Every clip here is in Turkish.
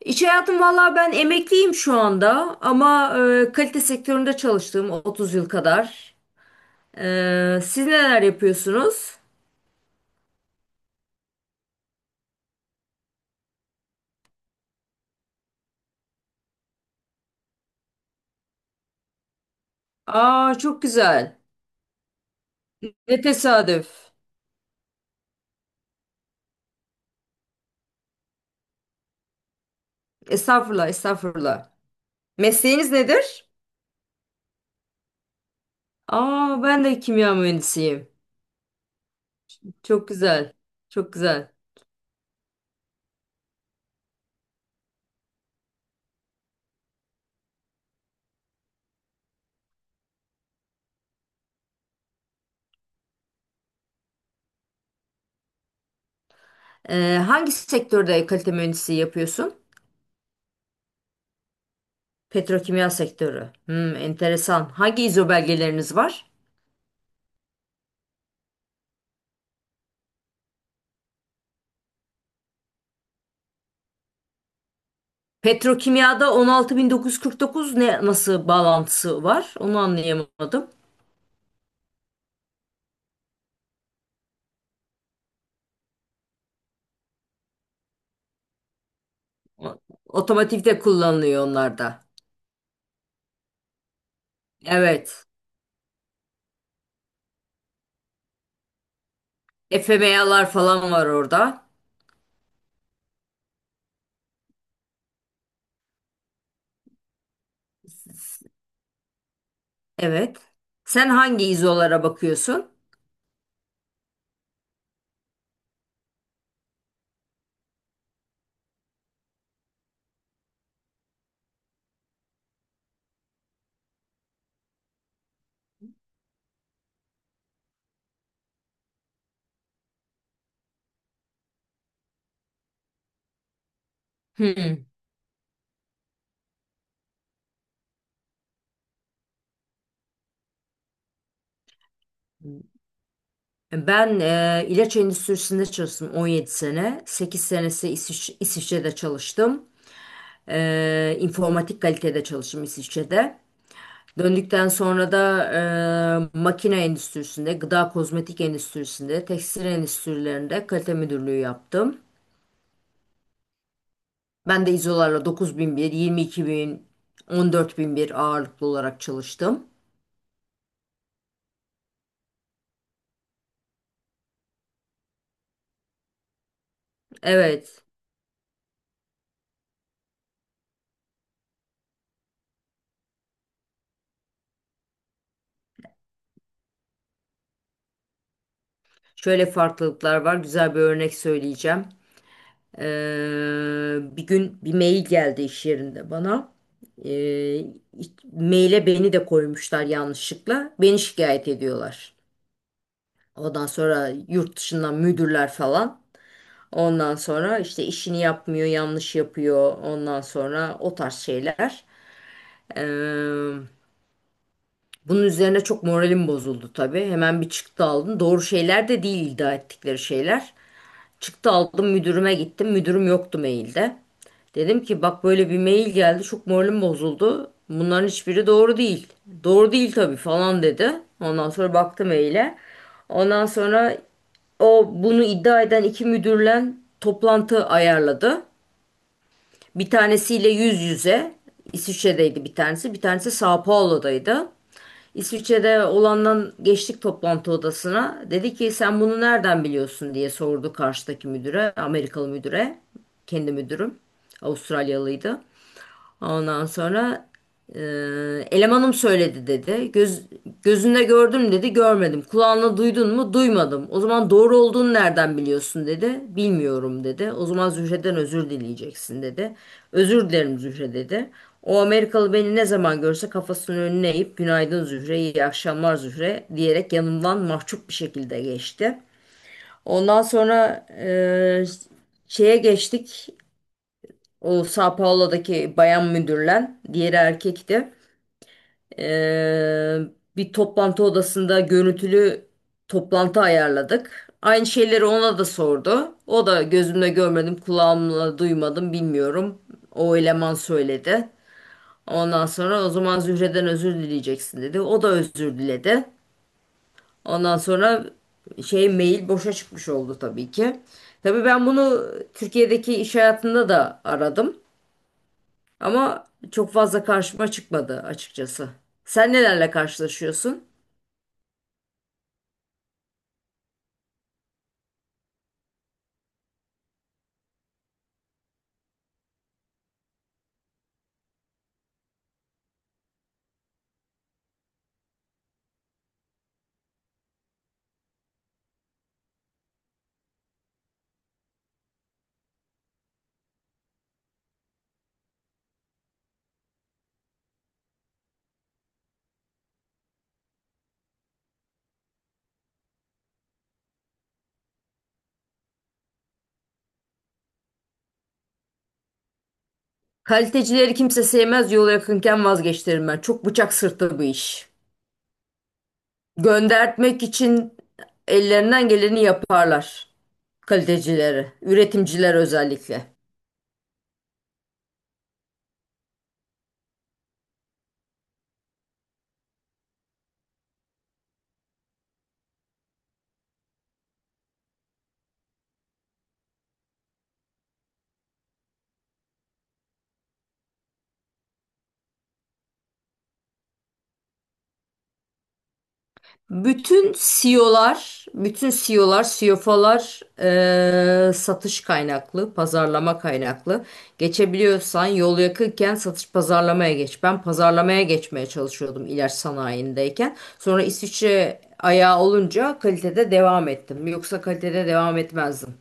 İş hayatım valla ben emekliyim şu anda ama kalite sektöründe çalıştım 30 yıl kadar. Siz neler yapıyorsunuz? Aa çok güzel. Ne tesadüf. Estağfurullah, estağfurullah. Mesleğiniz nedir? Aa ben de kimya mühendisiyim. Çok güzel, çok güzel. Hangi sektörde kalite mühendisliği yapıyorsun? Petrokimya sektörü. Hmm, enteresan. Hangi ISO belgeleriniz var? Petrokimyada 16.949 ne nasıl bağlantısı var? Onu anlayamadım. O- Otomotivde kullanılıyor onlarda. Evet. FMA'lar falan var orada. Evet. Sen hangi izolara bakıyorsun? Hmm. Ben ilaç endüstrisinde çalıştım 17 sene. 8 senesi İsviçre'de çalıştım. İnformatik kalitede çalıştım İsviçre'de. Döndükten sonra da makine endüstrisinde, gıda kozmetik endüstrisinde, tekstil endüstrilerinde kalite müdürlüğü yaptım. Ben de İzolar'la 9001, 22000, bir yirmi iki bin, on dört bin bir ağırlıklı olarak çalıştım. Evet, şöyle farklılıklar var. Güzel bir örnek söyleyeceğim. E, bir gün bir mail geldi iş yerinde bana. E, maile beni de koymuşlar yanlışlıkla. Beni şikayet ediyorlar. Ondan sonra yurt dışından müdürler falan. Ondan sonra işte işini yapmıyor, yanlış yapıyor. Ondan sonra o tarz şeyler. Eee, bunun üzerine çok moralim bozuldu tabii. Hemen bir çıktı aldım. Doğru şeyler de değil iddia ettikleri şeyler. Çıktı aldım müdürüme gittim. Müdürüm yoktu mailde. Dedim ki bak böyle bir mail geldi. Çok moralim bozuldu. Bunların hiçbiri doğru değil. Doğru değil tabii falan dedi. Ondan sonra baktı maile. Ondan sonra o bunu iddia eden iki müdürle toplantı ayarladı. Bir tanesiyle yüz yüze. İsviçre'deydi bir tanesi. Bir tanesi Sao Paulo'daydı. İsviçre'de olandan geçtik toplantı odasına. Dedi ki sen bunu nereden biliyorsun diye sordu karşıdaki müdüre, Amerikalı müdüre. Kendi müdürüm. Avustralyalıydı. Ondan sonra elemanım söyledi dedi. Gözünde gördün mü dedi. Görmedim. Kulağınla duydun mu? Duymadım. O zaman doğru olduğunu nereden biliyorsun dedi. Bilmiyorum dedi. O zaman Zühre'den özür dileyeceksin dedi. Özür dilerim Zühre dedi. O Amerikalı beni ne zaman görse kafasının önüne eğip günaydın Zühre, iyi akşamlar Zühre diyerek yanımdan mahcup bir şekilde geçti. Ondan sonra şeye geçtik. O Sao Paulo'daki bayan müdürle, diğeri erkekti. Ee, bir toplantı odasında görüntülü toplantı ayarladık. Aynı şeyleri ona da sordu. O da gözümle görmedim, kulağımla duymadım, bilmiyorum. O eleman söyledi. Ondan sonra o zaman Zühre'den özür dileyeceksin dedi. O da özür diledi. Ondan sonra şey mail boşa çıkmış oldu tabii ki. Tabii ben bunu Türkiye'deki iş hayatında da aradım. Ama çok fazla karşıma çıkmadı açıkçası. Sen nelerle karşılaşıyorsun? Kalitecileri kimse sevmez, yol yakınken vazgeçtirim ben. Çok bıçak sırtı bu iş. Göndertmek için ellerinden geleni yaparlar kalitecileri, üretimciler özellikle. Bütün CEO'lar, bütün CEO'lar, CFO'lar satış kaynaklı, pazarlama kaynaklı. Geçebiliyorsan yol yakınken satış pazarlamaya geç. Ben pazarlamaya geçmeye çalışıyordum ilaç sanayindeyken. Sonra İsviçre ayağı olunca kalitede devam ettim. Yoksa kalitede devam etmezdim.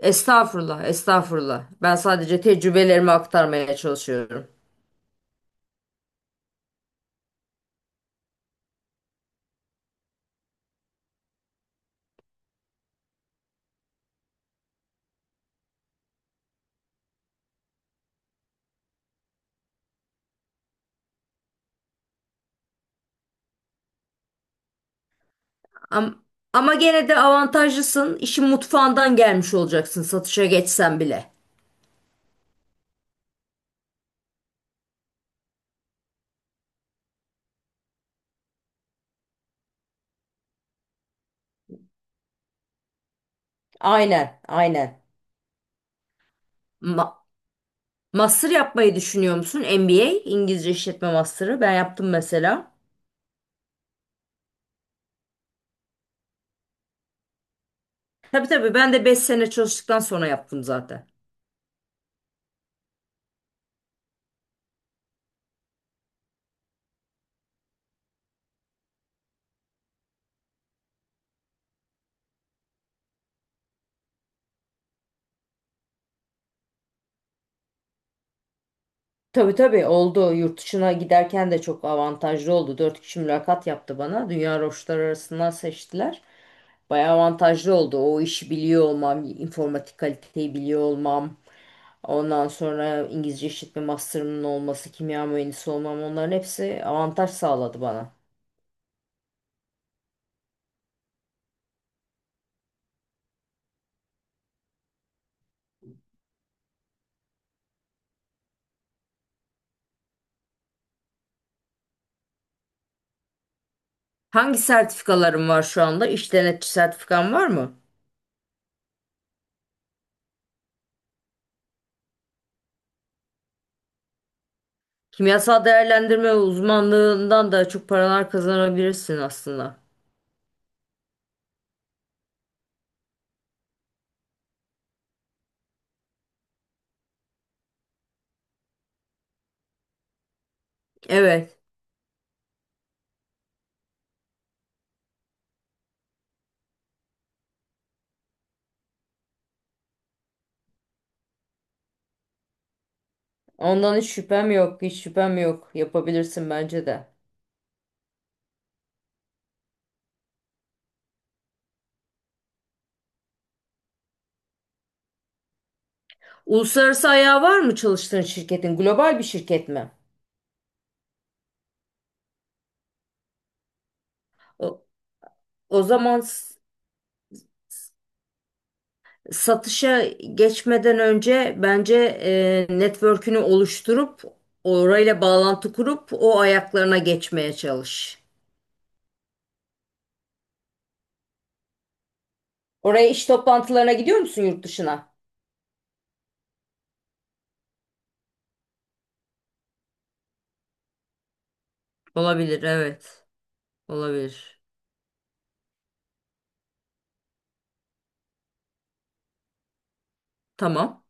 Estağfurullah, estağfurullah. Ben sadece tecrübelerimi aktarmaya çalışıyorum. Ama, ama gene de avantajlısın. İşin mutfağından gelmiş olacaksın satışa geçsen bile. Aynen, aynen. Ma- master yapmayı düşünüyor musun? MBA, İngilizce işletme master'ı. Ben yaptım mesela. Tabii tabii ben de 5 sene çalıştıktan sonra yaptım zaten. Tabii tabii oldu. Yurt dışına giderken de çok avantajlı oldu. Dört kişi mülakat yaptı bana. Dünya roşları arasından seçtiler. Bayağı avantajlı oldu. O işi biliyor olmam, informatik kaliteyi biliyor olmam. Ondan sonra İngilizce işletme master'ımın olması, kimya mühendisi olmam onların hepsi avantaj sağladı bana. Hangi sertifikaların var şu anda? İş denetçi sertifikan var mı? Kimyasal değerlendirme uzmanlığından da çok paralar kazanabilirsin aslında. Evet, ondan hiç şüphem yok, hiç şüphem yok. Yapabilirsin bence de. Uluslararası ayağı var mı çalıştığın şirketin? Global bir şirket mi? O, o zaman satışa geçmeden önce bence network'ünü oluşturup orayla bağlantı kurup o ayaklarına geçmeye çalış. Oraya iş toplantılarına gidiyor musun yurt dışına? Olabilir, evet. Olabilir. Tamam.